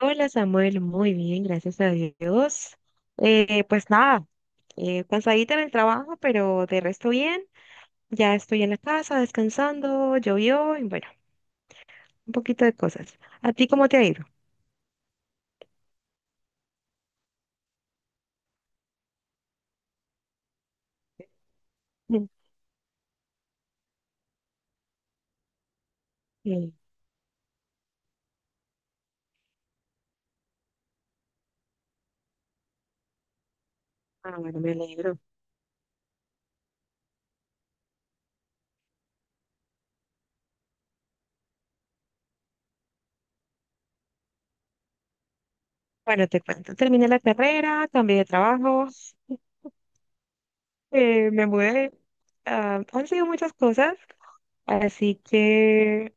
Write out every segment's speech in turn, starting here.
Hola Samuel, muy bien, gracias a Dios. Pues nada, cansadita en el trabajo, pero de resto bien. Ya estoy en la casa descansando, llovió y bueno, un poquito de cosas. ¿A ti cómo te ha ido? Mm, bien. Ah, bueno, me alegro. Bueno, te cuento. Terminé la carrera, cambié de trabajo, me mudé. Ah, han sido muchas cosas, así que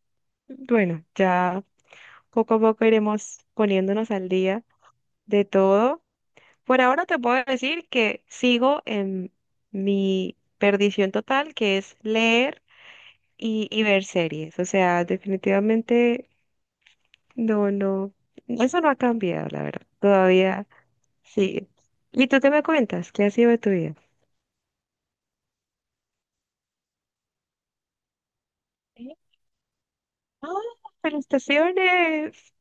bueno, ya poco a poco iremos poniéndonos al día de todo. Por ahora te puedo decir que sigo en mi perdición total, que es leer y ver series. O sea, definitivamente no, no, eso no ha cambiado, la verdad. Todavía sí. ¿Y tú te me cuentas? ¿Qué ha sido de tu vida? Sí. ¡Ah! ¡Felicitaciones!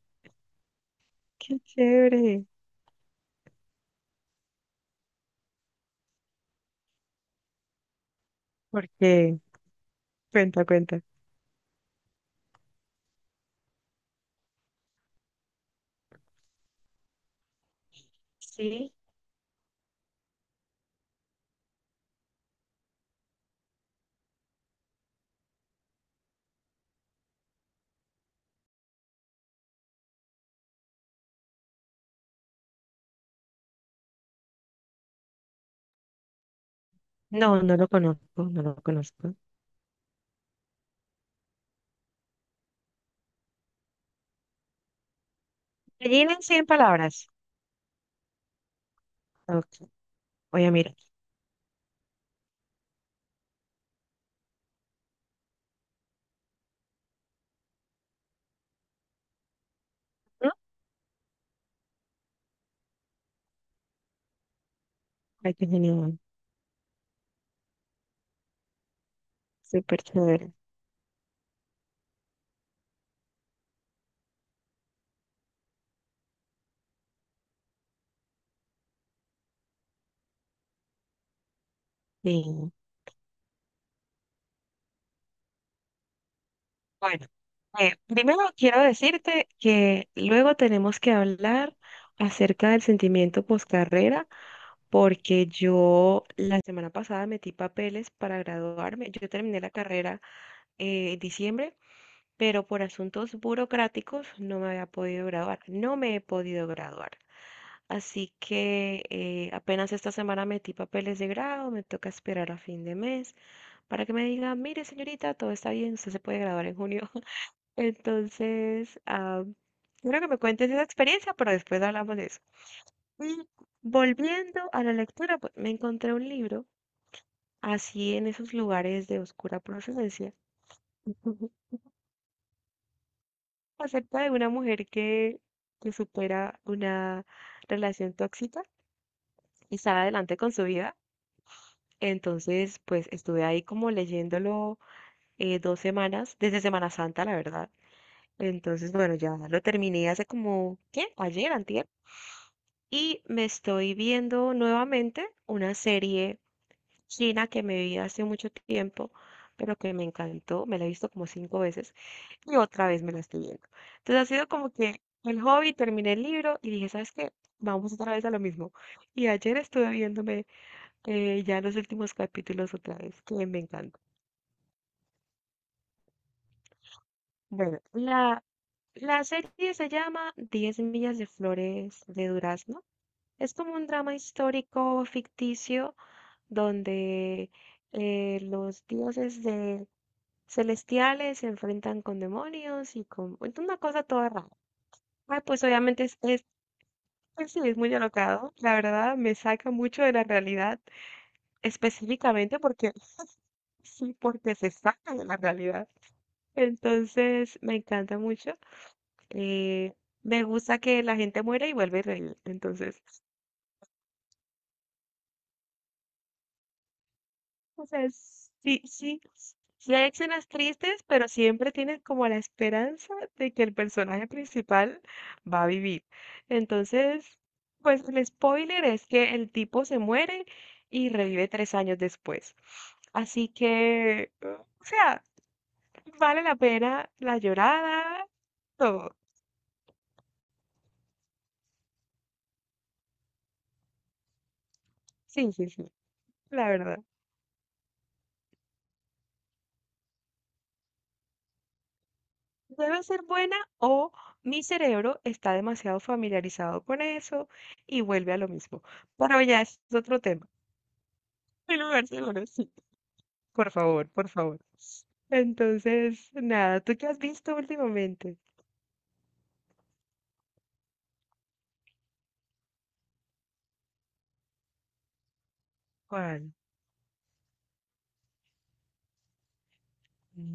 ¡Qué chévere! ¿Por qué? Cuenta, cuenta. Sí. No, no lo conozco, no lo conozco. Gallina en 100 palabras. Ok, voy a mirar. ¿No? Ay, qué genial. Súper chévere. Sí. Bueno, primero quiero decirte que luego tenemos que hablar acerca del sentimiento poscarrera, porque yo la semana pasada metí papeles para graduarme. Yo terminé la carrera en diciembre, pero por asuntos burocráticos no me había podido graduar. No me he podido graduar. Así que apenas esta semana metí papeles de grado, me toca esperar a fin de mes para que me digan, mire señorita, todo está bien, usted se puede graduar en junio. Entonces, ah, quiero que me cuentes esa experiencia, pero después hablamos de eso. Y volviendo a la lectura, pues me encontré un libro, así en esos lugares de oscura procedencia, acerca de una mujer que supera una relación tóxica y sale adelante con su vida. Entonces, pues estuve ahí como leyéndolo dos semanas, desde Semana Santa, la verdad. Entonces, bueno, ya lo terminé hace como, ¿qué? Ayer, antier. Y me estoy viendo nuevamente una serie china que me vi hace mucho tiempo, pero que me encantó, me la he visto como cinco veces y otra vez me la estoy viendo. Entonces ha sido como que el hobby, terminé el libro y dije, ¿sabes qué? Vamos otra vez a lo mismo. Y ayer estuve viéndome ya los últimos capítulos otra vez, que me encanta. Bueno, la serie se llama diez millas de flores de durazno. Es como un drama histórico ficticio donde los dioses celestiales se enfrentan con demonios y con es una cosa toda rara. Ah, pues obviamente pues sí, es muy alocado, la verdad me saca mucho de la realidad, específicamente porque sí, porque se saca de la realidad. Entonces me encanta mucho. eh, me gusta que la gente muere y vuelve a reír. Entonces... O sea, sí, sí, sí hay escenas tristes, pero siempre tienes como la esperanza de que el personaje principal va a vivir. Entonces, pues el spoiler es que el tipo se muere y revive tres años después. Así que, o sea, vale la pena la llorada, todo. Sí, sí, sí, la verdad. Debe ser buena o mi cerebro está demasiado familiarizado con eso y vuelve a lo mismo. Pero ya es otro tema. El lugar seguro, sí. Por favor, por favor. Entonces, nada, ¿tú qué has visto últimamente? ¿Cuál?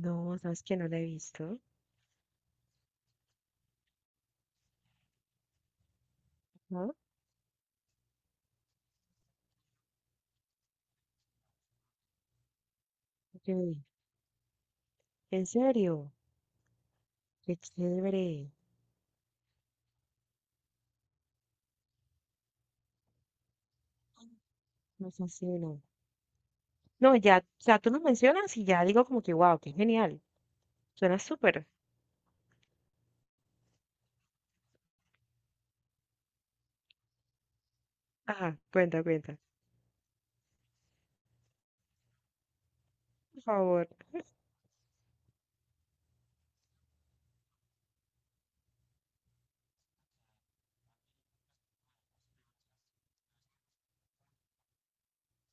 No, sabes que no la he visto. ¿No? Ok. ¿En serio? Qué chévere. Me fascina. No, ya, o sea, tú lo mencionas y ya digo como que, wow, qué genial. Suena súper. Ajá, cuenta, cuenta. Por favor.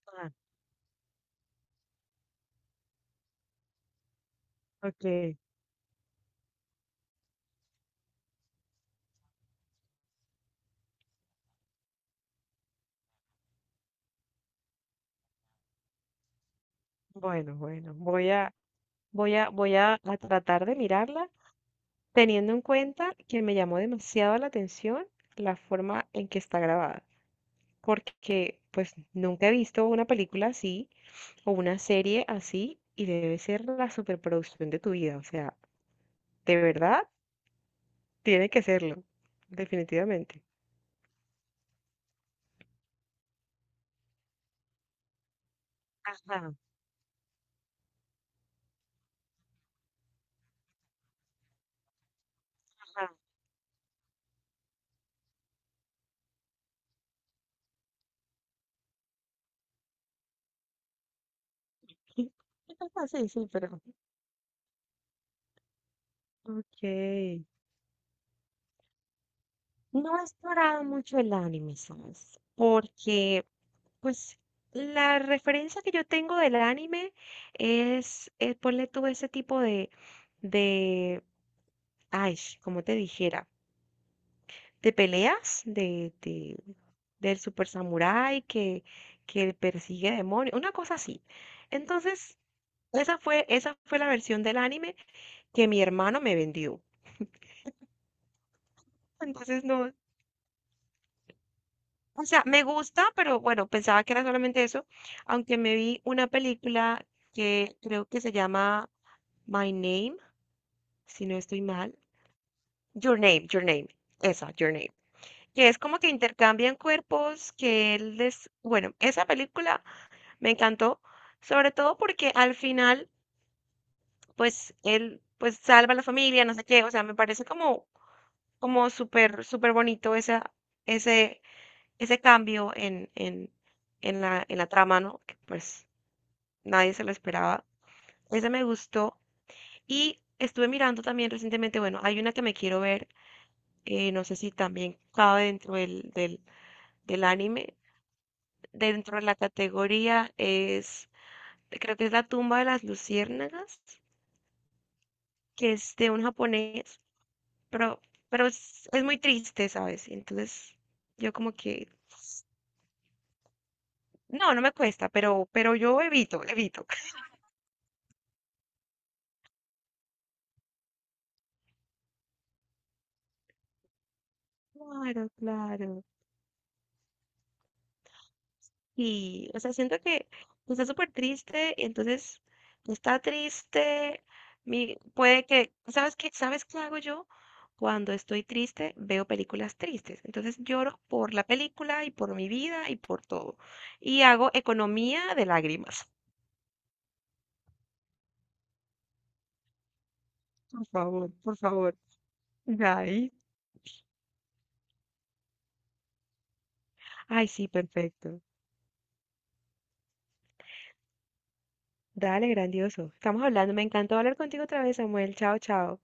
Ah, ok. Bueno, bueno, voy a tratar de mirarla, teniendo en cuenta que me llamó demasiado la atención la forma en que está grabada, porque pues nunca he visto una película así o una serie así y debe ser la superproducción de tu vida, o sea, de verdad tiene que serlo, definitivamente. Ajá, ajá. Sí, sí, pero... Ok. No he explorado mucho el anime, ¿sabes? Porque pues la referencia que yo tengo del anime es, ponle tú ese tipo de, de, ay, como te dijera, de peleas, del super samurái que persigue demonios, una cosa así. Entonces, esa fue la versión del anime que mi hermano me vendió. Entonces, no, o sea, me gusta, pero bueno, pensaba que era solamente eso, aunque me vi una película que creo que se llama My Name si no estoy mal, Your Name, Your Name, esa, Your Name, que es como que intercambian cuerpos, que él les, bueno, esa película me encantó, sobre todo porque al final, pues él, pues salva a la familia, no sé qué, o sea, me parece como súper, súper bonito ese, ese cambio en la trama, ¿no? Que pues nadie se lo esperaba. Ese me gustó. Y estuve mirando también recientemente, bueno, hay una que me quiero ver no sé si también cabe dentro del anime. Dentro de la categoría es, creo que es La tumba de las luciérnagas, que es de un japonés, pero, pero es muy triste, ¿sabes? Entonces, yo como que, no, no me cuesta, pero yo evito, evito. Claro, claro. Y, o sea, siento que pues, está súper triste y entonces está triste. Puede que, ¿sabes qué? ¿Sabes qué hago yo? Cuando estoy triste, veo películas tristes. Entonces lloro por la película y por mi vida y por todo. Y hago economía de lágrimas. Por favor, por favor. Ay, ay, sí, perfecto. Dale, grandioso. Estamos hablando. Me encantó hablar contigo otra vez, Samuel. Chao, chao.